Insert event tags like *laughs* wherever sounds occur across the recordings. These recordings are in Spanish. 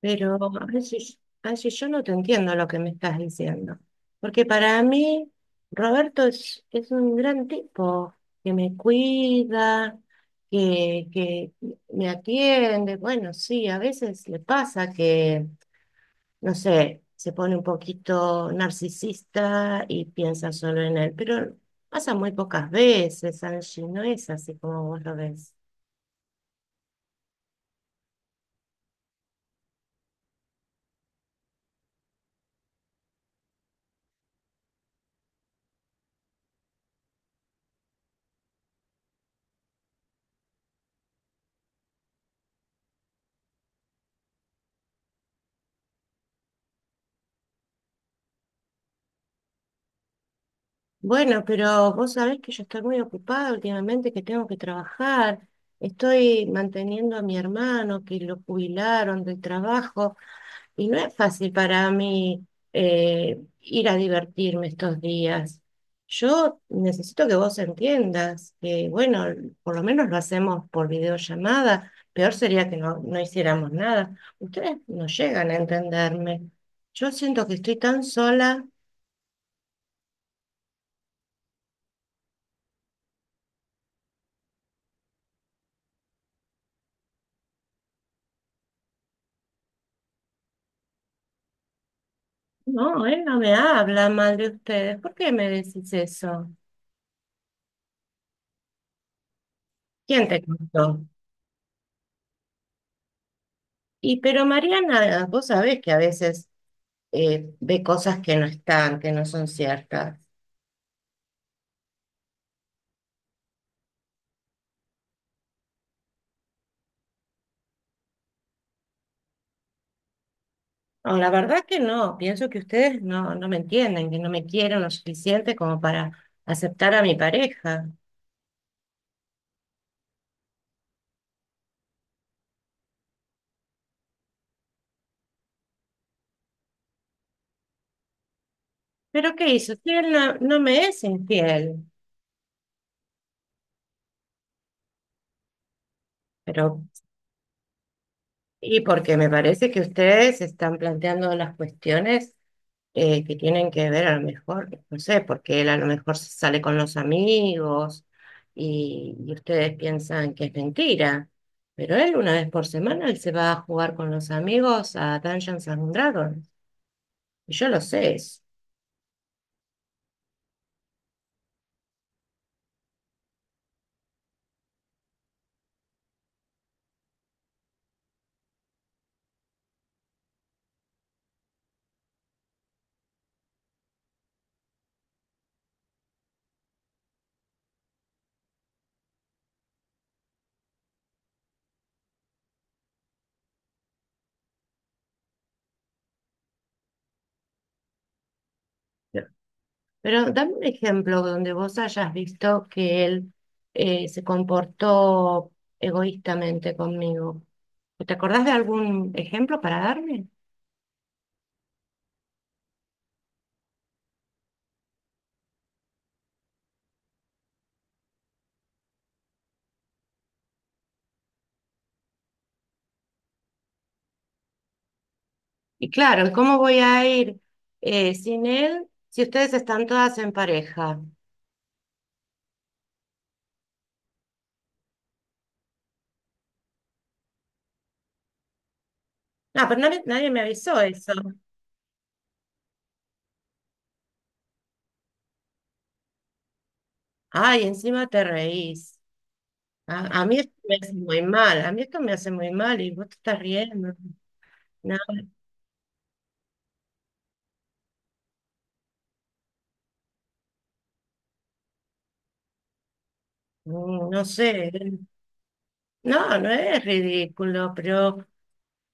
Pero a veces yo no te entiendo lo que me estás diciendo, porque para mí Roberto es un gran tipo que me cuida, que me atiende. Bueno, sí, a veces le pasa que, no sé, se pone un poquito narcisista y piensa solo en él, pero pasa muy pocas veces, Angie, no es así como vos lo ves. Bueno, pero vos sabés que yo estoy muy ocupada últimamente, que tengo que trabajar. Estoy manteniendo a mi hermano, que lo jubilaron del trabajo, y no es fácil para mí ir a divertirme estos días. Yo necesito que vos entiendas que, bueno, por lo menos lo hacemos por videollamada. Peor sería que no hiciéramos nada. Ustedes no llegan a entenderme. Yo siento que estoy tan sola. No, él no me habla mal de ustedes. ¿Por qué me decís eso? ¿Quién te contó? Y pero Mariana, vos sabés que a veces ve cosas que no están, que no son ciertas. No, la verdad que no. Pienso que ustedes no me entienden, que no me quieren lo suficiente como para aceptar a mi pareja. ¿Pero qué hizo? Si él no me es infiel. Pero, y porque me parece que ustedes están planteando las cuestiones. Que tienen que ver a lo mejor, no sé, porque él a lo mejor se sale con los amigos y ustedes piensan que es mentira, pero él una vez por semana él se va a jugar con los amigos a Dungeons and Dragons, y yo lo sé eso. Pero pero dame un ejemplo donde vos hayas visto que él se comportó egoístamente conmigo. ¿Te acordás de algún ejemplo para darme? Y claro, ¿cómo voy a ir sin él si ustedes están todas en pareja? No, pero nadie me avisó eso. Ay, encima te reís. A mí esto me hace muy mal, a mí esto me hace muy mal y vos te estás riendo. No, no sé. No, no es ridículo, pero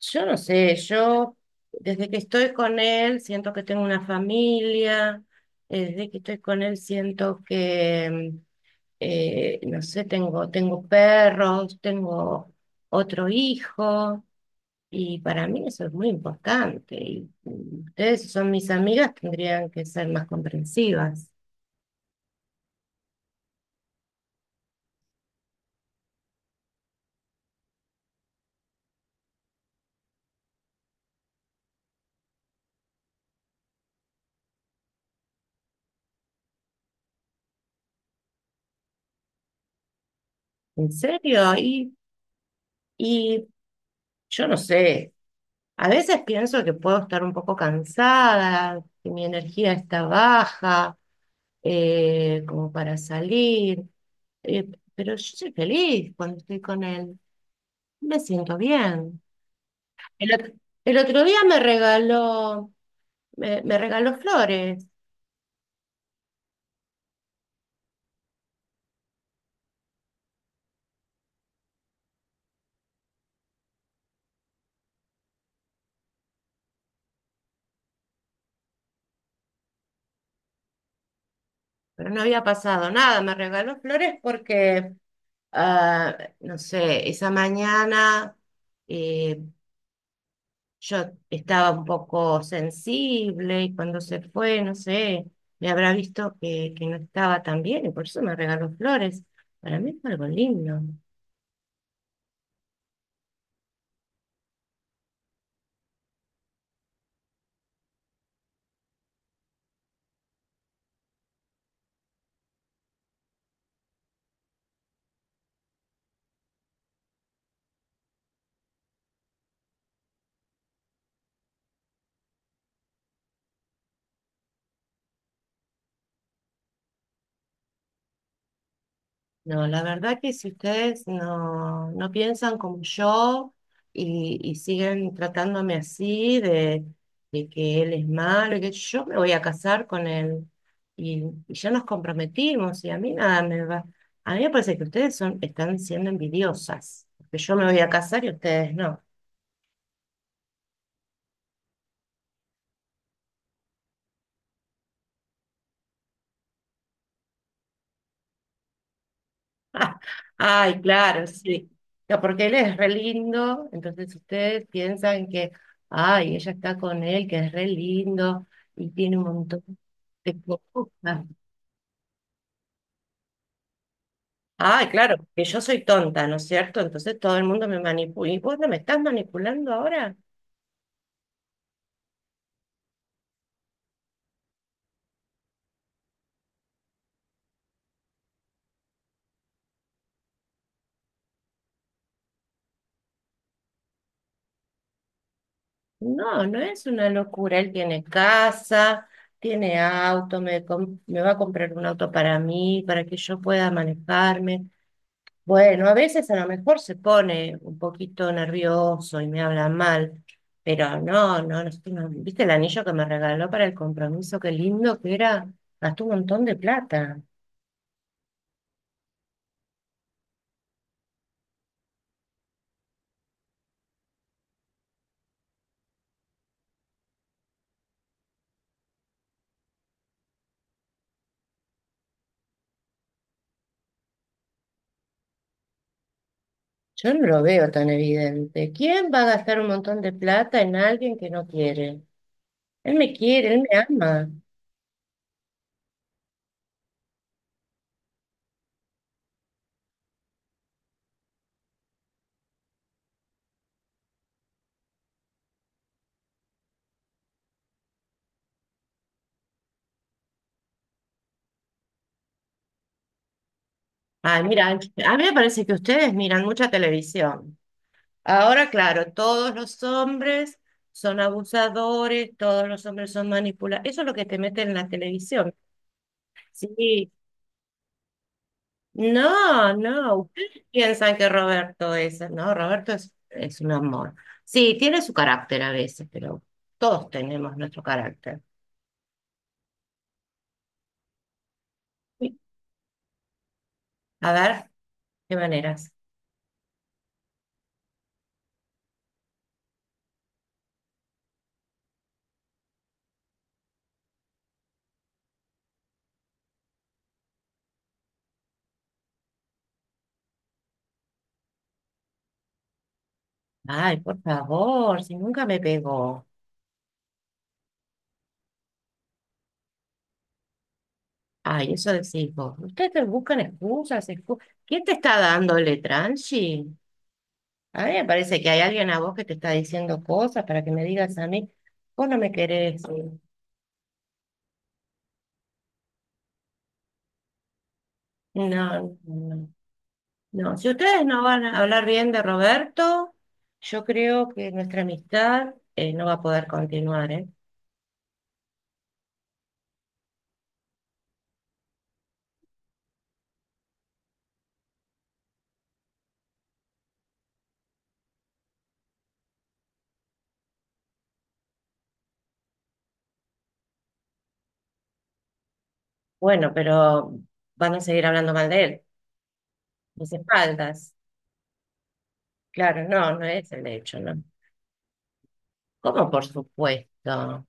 yo no sé, yo desde que estoy con él siento que tengo una familia, desde que estoy con él siento que, no sé, tengo perros, tengo otro hijo y para mí eso es muy importante. Y ustedes, si son mis amigas, tendrían que ser más comprensivas. ¿En serio? Y yo no sé, a veces pienso que puedo estar un poco cansada, que mi energía está baja como para salir, eh, pero yo soy feliz cuando estoy con él, me siento bien. El, ot- el otro día me regaló, me regaló flores, pero no había pasado nada, me regaló flores porque, ah, no sé, esa mañana eh, yo estaba un poco sensible y cuando se fue, no sé, me habrá visto que no estaba tan bien y por eso me regaló flores. Para mí fue algo lindo. No, la verdad que si ustedes no piensan como yo y siguen tratándome así de que él es malo y que yo me voy a casar con él y ya nos comprometimos y a mí nada me va. A mí me parece que ustedes están siendo envidiosas, porque yo me voy a casar y ustedes no. *laughs* Ay, claro, sí. No, porque él es re lindo, entonces ustedes piensan que, ay, ella está con él, que es re lindo y tiene un montón de cosas. Ay, claro, que yo soy tonta, ¿no es cierto? Entonces todo el mundo me manipula. ¿Y vos no me estás manipulando ahora? No, no es una locura. Él tiene casa, tiene auto, me va a comprar un auto para mí, para que yo pueda manejarme. Bueno, a veces a lo mejor se pone un poquito nervioso y me habla mal, pero no, no, no, no. ¿Viste el anillo que me regaló para el compromiso? Qué lindo que era. Gastó un montón de plata. Yo no lo veo tan evidente. ¿Quién va a gastar un montón de plata en alguien que no quiere? Él me quiere, él me ama. Ay, mira, a mí me parece que ustedes miran mucha televisión. Ahora, claro, todos los hombres son abusadores, todos los hombres son manipuladores. Eso es lo que te meten en la televisión. Sí, no, no, ustedes piensan que no, Roberto es un amor. Sí, tiene su carácter a veces, pero todos tenemos nuestro carácter. A ver, ¿qué maneras? Ay, por favor, si nunca me pegó. Ay, eso decís vos. Ustedes te buscan ¿Quién te está dándole tranchi? A mí me parece que hay alguien a vos que te está diciendo cosas para que me digas a mí, vos no me querés. No, no. No, si ustedes no van a hablar bien de Roberto, yo creo que nuestra amistad no va a poder continuar, ¿eh? Bueno, pero van a seguir hablando mal de él, mis espaldas. Claro, no, no es el hecho, ¿no? ¿Cómo por supuesto?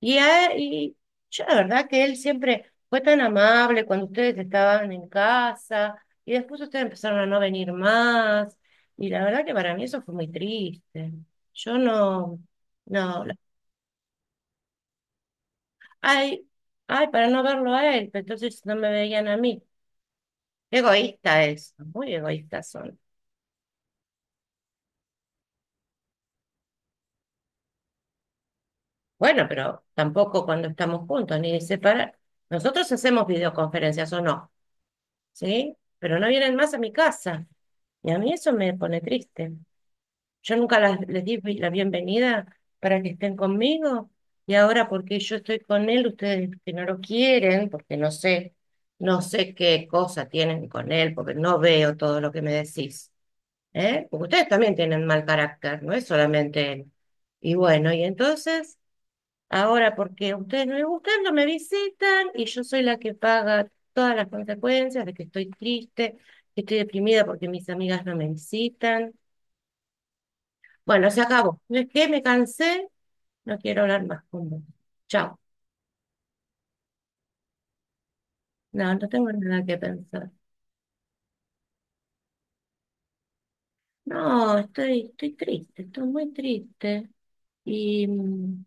Y, y yo la verdad que él siempre fue tan amable cuando ustedes estaban en casa y después ustedes empezaron a no venir más. Y la verdad que para mí eso fue muy triste. Yo no, no, la- ay, ay, para no verlo a él, pero entonces no me veían a mí. Qué egoísta es, muy egoístas son. Bueno, pero tampoco cuando estamos juntos, ni separar. Nosotros hacemos videoconferencias o no, ¿sí? Pero no vienen más a mi casa. Y a mí eso me pone triste. Yo nunca les di la bienvenida para que estén conmigo y ahora porque yo estoy con él, ustedes que no lo quieren, porque no sé, no sé qué cosa tienen con él, porque no veo todo lo que me decís, ¿eh? Porque ustedes también tienen mal carácter, no es solamente él. Y bueno, y entonces, ahora porque a ustedes no les gustan, no me visitan y yo soy la que paga todas las consecuencias de que estoy triste, que estoy deprimida porque mis amigas no me visitan, bueno, se acabó. No, es que me cansé, no quiero hablar más con vos. Chao. No, no tengo nada que pensar. No, estoy, estoy triste, estoy muy triste. Y,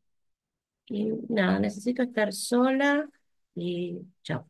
y nada, necesito estar sola y chao.